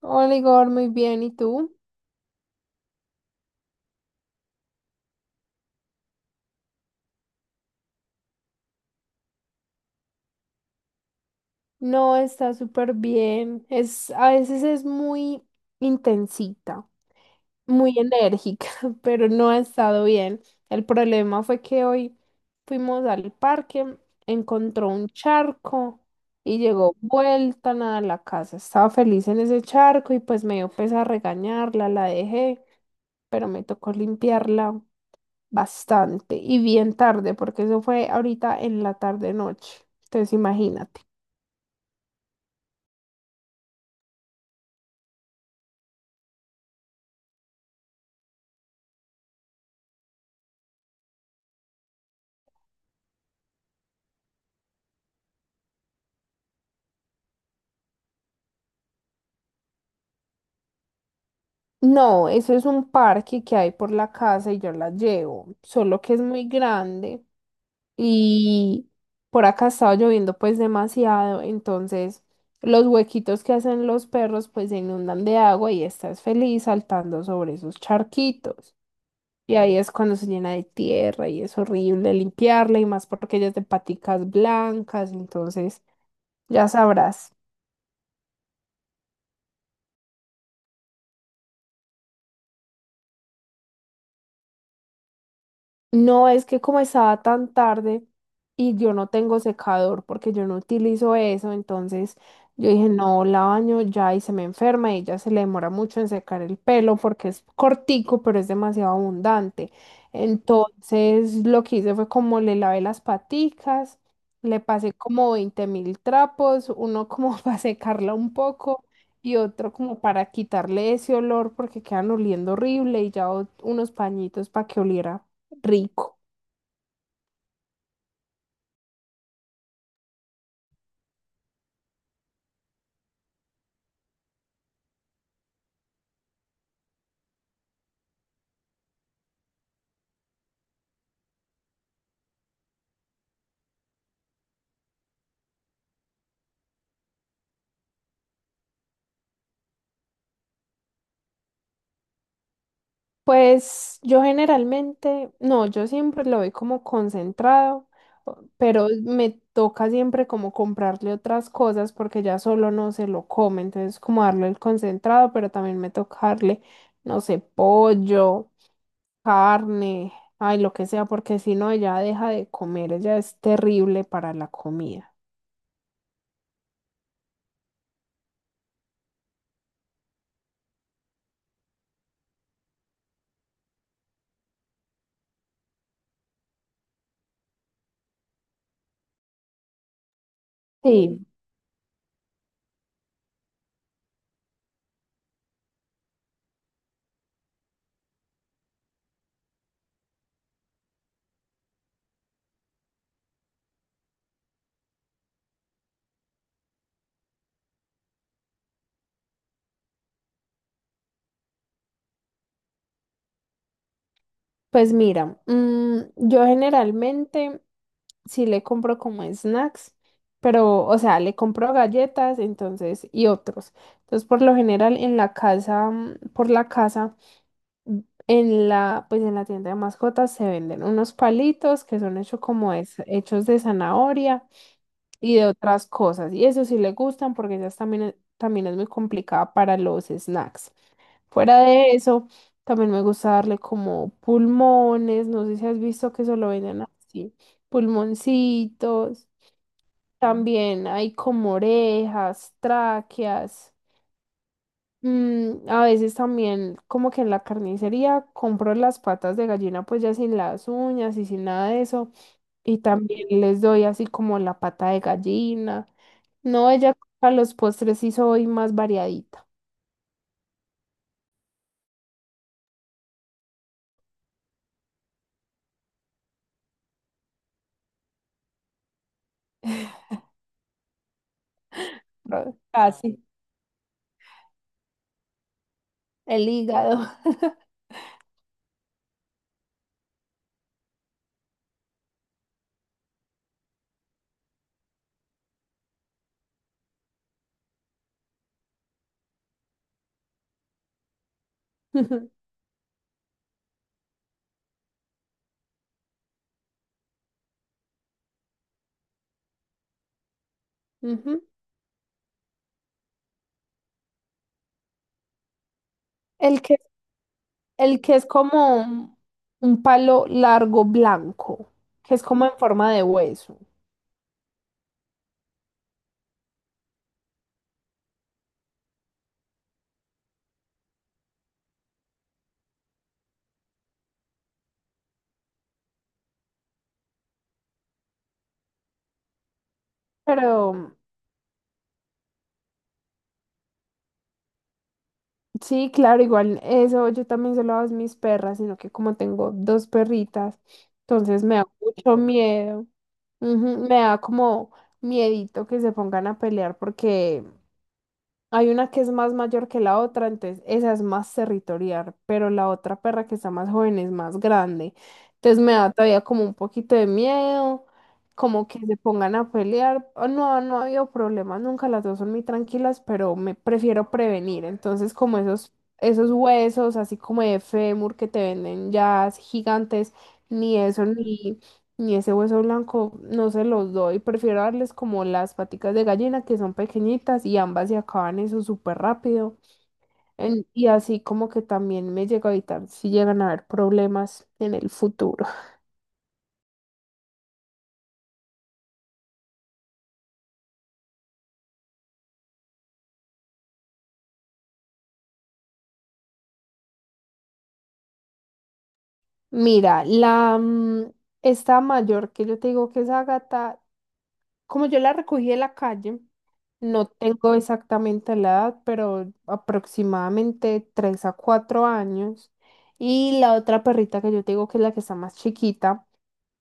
Hola Igor, muy bien. ¿Y tú? No, está súper bien. A veces es muy intensita, muy enérgica, pero no ha estado bien. El problema fue que hoy fuimos al parque, encontró un charco y llegó vuelta nada a la casa. Estaba feliz en ese charco y pues me dio pesa regañarla, la dejé, pero me tocó limpiarla bastante y bien tarde, porque eso fue ahorita en la tarde-noche. Entonces, imagínate. No, eso es un parque que hay por la casa y yo la llevo, solo que es muy grande y por acá estaba lloviendo pues demasiado, entonces los huequitos que hacen los perros pues se inundan de agua y estás feliz saltando sobre esos charquitos. Y ahí es cuando se llena de tierra y es horrible limpiarla y más porque ella es de paticas blancas, entonces ya sabrás. No es que como estaba tan tarde y yo no tengo secador porque yo no utilizo eso, entonces yo dije, no, la baño ya y se me enferma y ya se le demora mucho en secar el pelo porque es cortico, pero es demasiado abundante. Entonces lo que hice fue como le lavé las paticas, le pasé como 20.000 trapos, uno como para secarla un poco y otro como para quitarle ese olor porque quedan oliendo horrible y ya unos pañitos para que oliera rico. Pues yo generalmente, no, yo siempre lo doy como concentrado, pero me toca siempre como comprarle otras cosas porque ya solo no se lo come, entonces como darle el concentrado, pero también me toca darle, no sé, pollo, carne, ay, lo que sea, porque si no, ella deja de comer, ella es terrible para la comida. Sí, pues mira, yo generalmente, sí le compro como snacks, pero, o sea, le compro galletas, entonces, y otros. Entonces, por lo general, en la casa, por la casa, mm, en la, pues en la tienda de mascotas se venden unos palitos que son hechos hechos de zanahoria y de otras cosas. Y eso sí le gustan porque ellas también, también es muy complicada para los snacks. Fuera de eso, también me gusta darle como pulmones, no sé si has visto que eso lo venden así, pulmoncitos. También hay como orejas, tráqueas. A veces también como que en la carnicería compro las patas de gallina pues ya sin las uñas y sin nada de eso. Y también les doy así como la pata de gallina. No, ella a los postres sí soy más variadita. Pero casi. El hígado. Ujú. El que, el que es como un palo largo blanco, que es como en forma de hueso. Pero sí, claro, igual eso yo también se lo hago a mis perras, sino que como tengo dos perritas, entonces me da mucho miedo. Ujú, me da como miedito que se pongan a pelear porque hay una que es más mayor que la otra, entonces esa es más territorial, pero la otra perra que está más joven es más grande. Entonces me da todavía como un poquito de miedo, como que se pongan a pelear. Oh, no, no ha habido problemas nunca, las dos son muy tranquilas, pero me prefiero prevenir. Entonces como esos, esos huesos, así como de fémur que te venden ya gigantes, ni eso, ni y ese hueso blanco no se los doy, prefiero darles como las paticas de gallina que son pequeñitas y ambas se acaban eso súper rápido. Y así como que también me llega a evitar si llegan a haber problemas en el futuro. Mira, esta mayor que yo te digo que es Agata, como yo la recogí de la calle, no tengo exactamente la edad, pero aproximadamente 3 a 4 años. Y la otra perrita que yo te digo que es la que está más chiquita,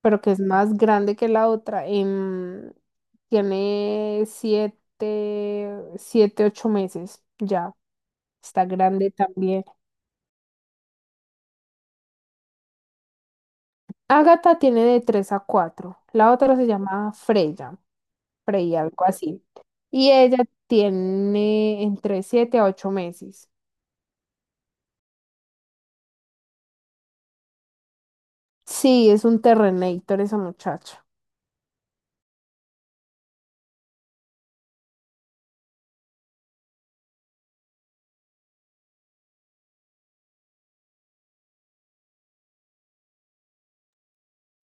pero que es más grande que la otra. Tiene 7, 7, 8 meses ya. Está grande también. Agatha tiene de 3 a 4. La otra se llama Freya, Freya, algo así. Y ella tiene entre 7 a 8 meses. Sí, es un Terrenator esa muchacha.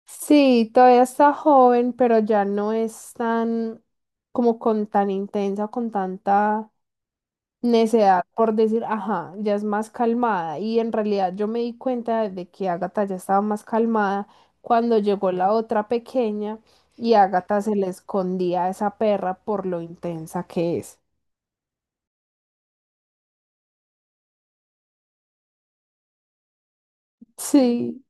Sí, todavía está joven, pero ya no es tan, como con tan intensa, con tanta necedad por decir, ajá, ya es más calmada. Y en realidad yo me di cuenta de que Agatha ya estaba más calmada cuando llegó la otra pequeña y Agatha se le escondía a esa perra por lo intensa que es. Sí,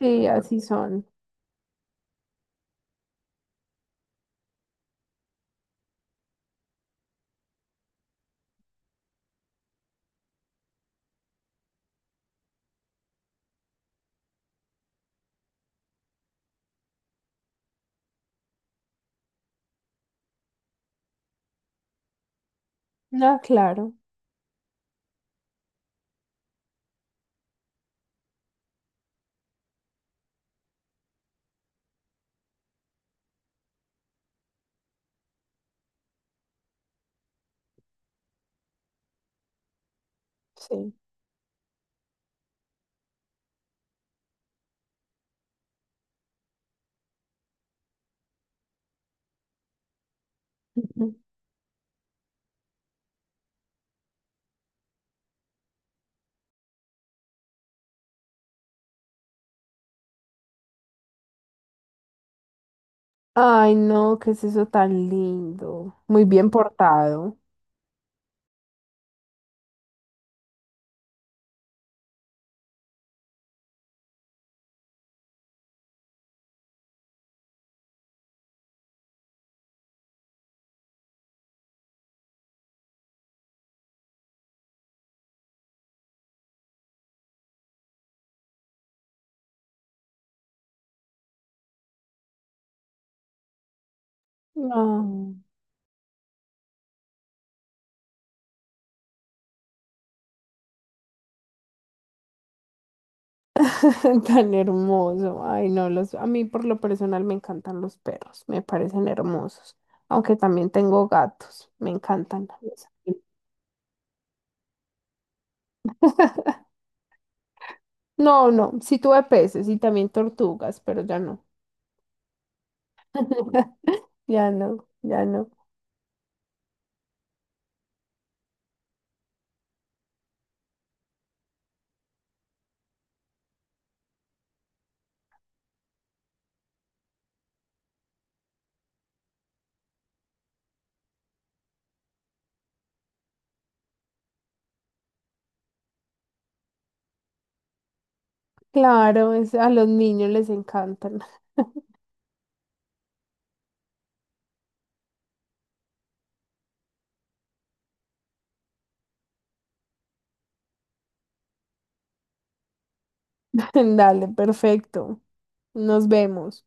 sí, así son. Ah, claro, sí. Ujú. Ay, no, qué es eso tan lindo. Muy bien portado. No. Tan hermoso. Ay, no, los, a mí por lo personal me encantan los perros, me parecen hermosos. Aunque también tengo gatos, me encantan. Los. No, no, sí tuve peces y también tortugas, pero ya no. Ya no, ya no. Claro, a los niños les encantan. Dale, perfecto. Nos vemos.